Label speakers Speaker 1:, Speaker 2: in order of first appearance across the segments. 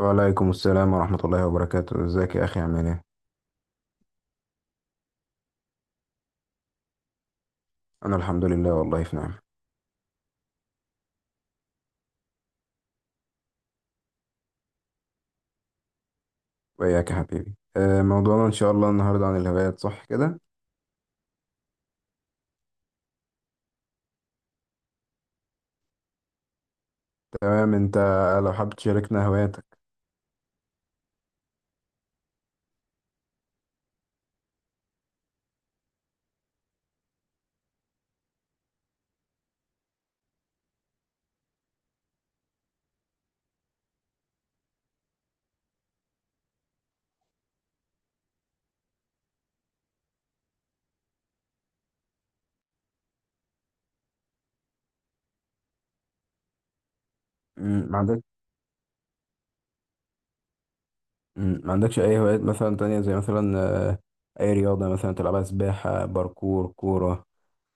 Speaker 1: وعليكم السلام ورحمة الله وبركاته، ازيك يا أخي عامل ايه؟ أنا الحمد لله، والله في نعمة. وإياك يا حبيبي. موضوعنا إن شاء الله النهاردة عن الهوايات، صح كده؟ تمام. أنت لو حابب تشاركنا هواياتك. مم، ما عندك ما عندكش أي هوايات مثلا تانية، زي مثلا آه، أي رياضة مثلا تلعبها، سباحة، باركور، كورة؟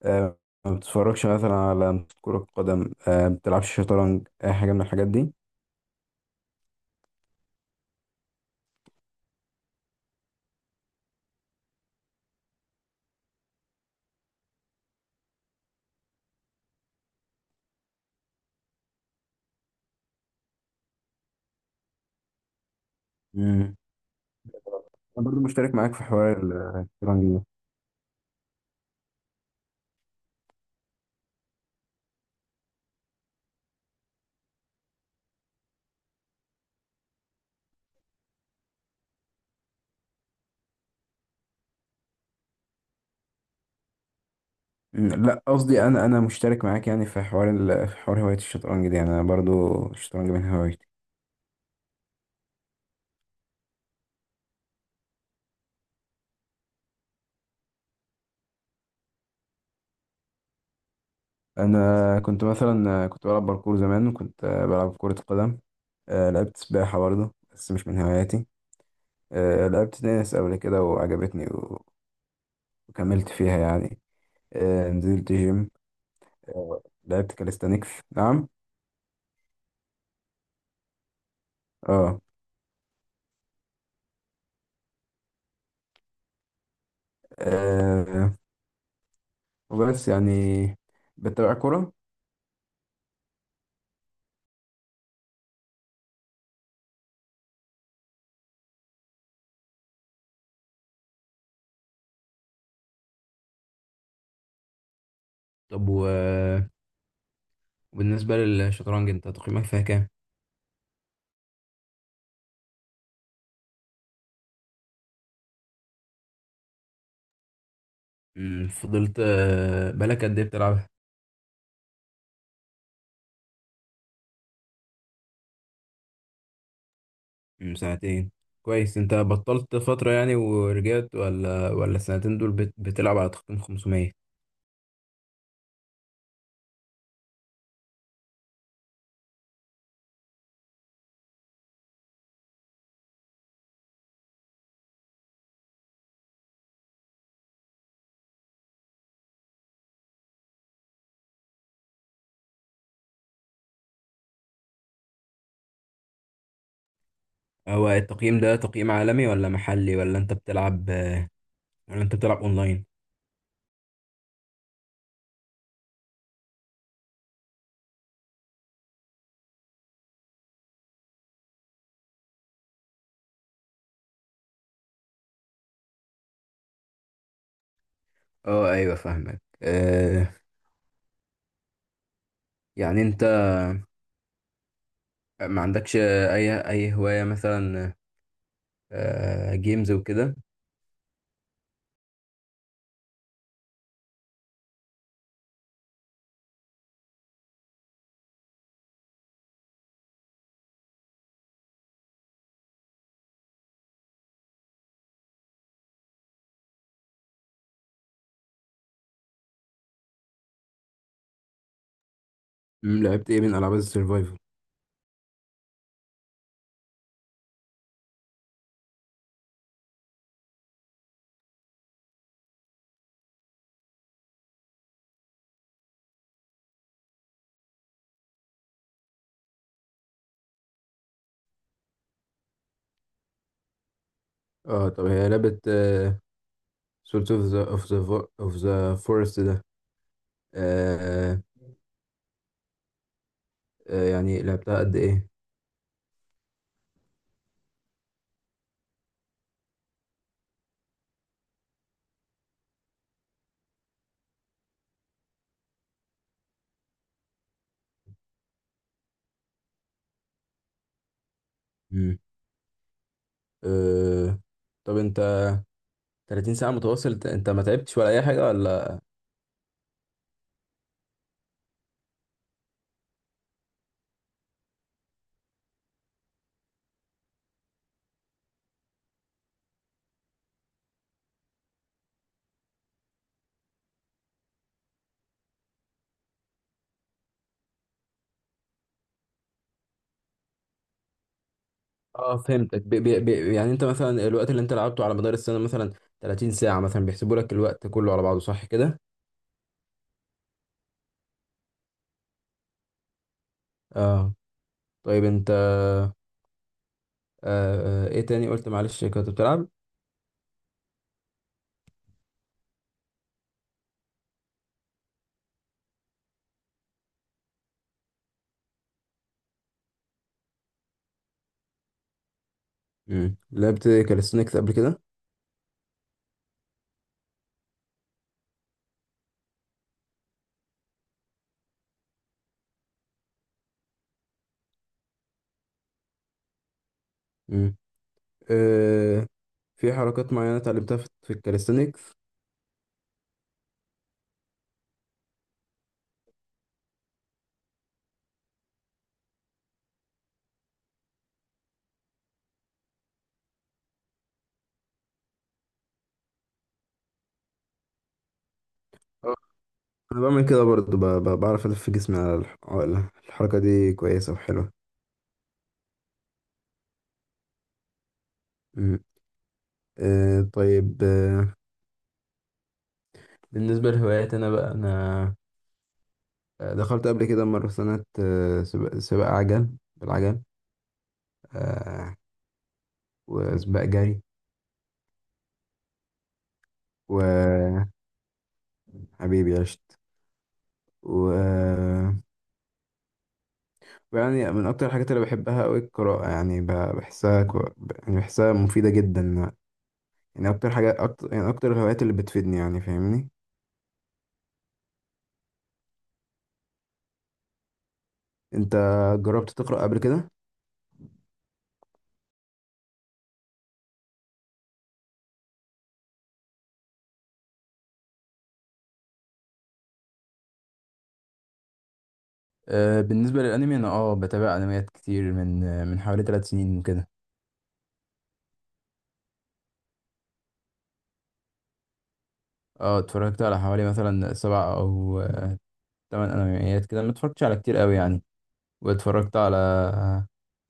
Speaker 1: آه، ما بتتفرجش مثلا على كرة قدم؟ ما بتلعبش شطرنج؟ أي حاجة من الحاجات دي؟ مم. أنا برضو مشترك معاك في حوار الشطرنج ده. لا، قصدي انا مشترك معاك، يعني في حوار هوايه الشطرنج دي، يعني انا برضو الشطرنج من هوايتي. انا كنت مثلا كنت بلعب باركور زمان، وكنت بلعب كره قدم. لعبت سباحه برضو، بس مش من هواياتي. لعبت تنس قبل كده وعجبتني وكملت فيها يعني. نزلت جيم. لعبت كاليستانيكس، نعم. اه. آه، وبس يعني. بتابع كوره. طب وبالنسبة للشطرنج، انت تقييمك فيها كام؟ مم، فضلت آه، بقالك قد ايه بتلعبها؟ سنتين. كويس. انت بطلت فترة يعني ورجعت، ولا السنتين دول بتلعب على تقييم 500؟ هو التقييم ده تقييم عالمي ولا محلي، ولا انت بتلعب اونلاين؟ اه، ايوه، فاهمك. يعني انت ما عندكش اي هواية، مثلا جيمز وكده؟ لعبت ايه من العاب السرفايفل؟ اه، طب هي لعبة سولت اوف ذا فورست ده، آه، يعني لعبتها قد ايه؟ مم. آه، طب انت 30 ساعة متواصل، انت ما تعبتش ولا اي حاجة ولا؟ اه، فهمتك. بي بي بي يعني انت مثلا الوقت اللي انت لعبته على مدار السنة مثلا 30 ساعة، مثلا بيحسبوا لك الوقت كله على بعضه، صح كده؟ اه، طيب انت. ايه تاني قلت؟ معلش، كنت بتلعب. لعبت كاليستونيكس قبل كده؟ امم آه في حركات معينة اتعلمتها في الكاليستونيكس؟ آه، انا بعمل كده برضه. بعرف الف جسمي على الحركة دي، كويسة وحلوة. مم. طيب. بالنسبة لهواياتي أنا بقى، أنا آه، دخلت قبل كده مرة سنة سباق عجل، بالعجل، آه، وسباق جري. وحبيبي، عشت. و... ويعني من أكتر الحاجات اللي بحبها أوي القراءة، يعني بحسها يعني بحسها مفيدة جدا. يعني أكتر الهوايات اللي بتفيدني، يعني فاهمني؟ أنت جربت تقرأ قبل كده؟ بالنسبة للأنمي، أنا بتابع أنميات كتير من، من حوالي 3 سنين وكده. اه، اتفرجت على حوالي مثلا 7 او 8 انميات كده، ما اتفرجتش على كتير قوي يعني. واتفرجت على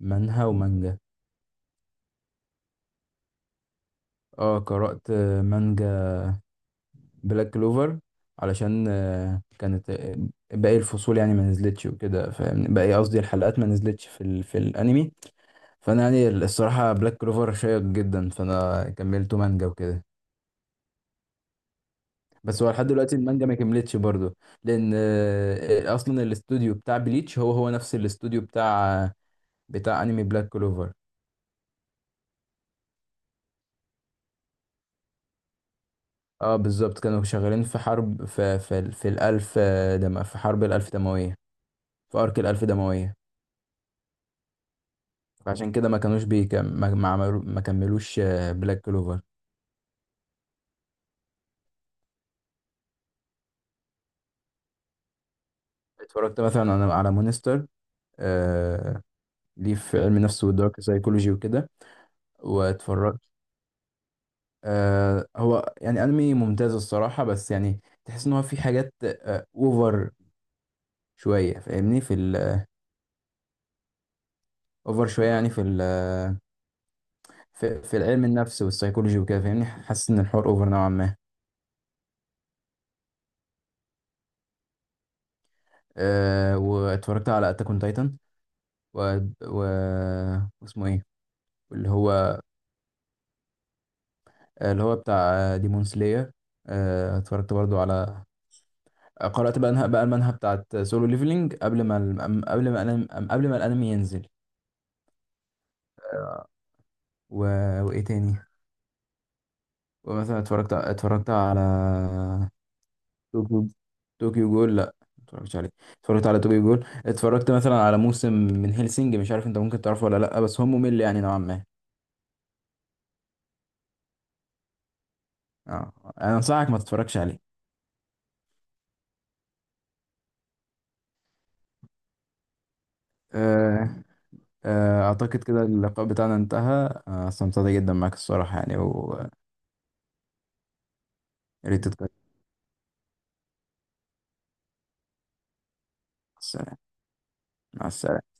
Speaker 1: منهwa ومانجا. اه، قرأت مانجا بلاك كلوفر، علشان كانت باقي الفصول يعني ما نزلتش وكده، فاهمني؟ باقي قصدي الحلقات ما نزلتش في الانمي. فانا يعني الصراحة بلاك كلوفر شيق جدا، فانا كملته مانجا وكده. بس هو لحد دلوقتي المانجا ما كملتش برضه، لان اصلا الاستوديو بتاع بليتش هو نفس الاستوديو بتاع انمي بلاك كلوفر. اه، بالظبط، كانوا شغالين في حرب، في الالف، دم، في حرب الالف دمويه، في ارك الالف دمويه. فعشان كده ما كانوش بيكم، ما عملو ما كملوش بلاك كلوفر. اتفرجت مثلا انا على مونستر، آه ليه في علم النفس والدارك سايكولوجي وكده. واتفرجت، هو يعني انمي ممتاز الصراحه، بس يعني تحس ان هو في حاجات اوفر شويه، فاهمني؟ في الاوفر شويه يعني، في في العلم النفس والسيكولوجي وكده، فاهمني؟ حاسس ان الحوار اوفر نوعا ما. واتفرجت على اتاك اون تايتن، و... و... واسمه ايه، اللي هو اللي هو بتاع ديمون سلاير. اتفرجت برضو على، قرأت بقى بقى المانهوا بتاعت سولو ليفلينج، قبل ما ال... قبل ما الانمي قبل ما الانمي ينزل. آه، و... وايه تاني؟ ومثلا اتفرجت على طوكيو طوكيو جول. لا، متفرجتش عليه. اتفرجت على طوكيو جول. اتفرجت مثلا على موسم من هيلسينج، مش عارف انت ممكن تعرفه ولا لا، بس هو ممل يعني نوعا ما. اه، انا انصحك ما تتفرجش عليه. آه، اعتقد كده اللقاء بتاعنا انتهى. استمتعت جدا معاك الصراحة، يعني، ويا ريت تتكلم. مع السلامة. مع السلامة.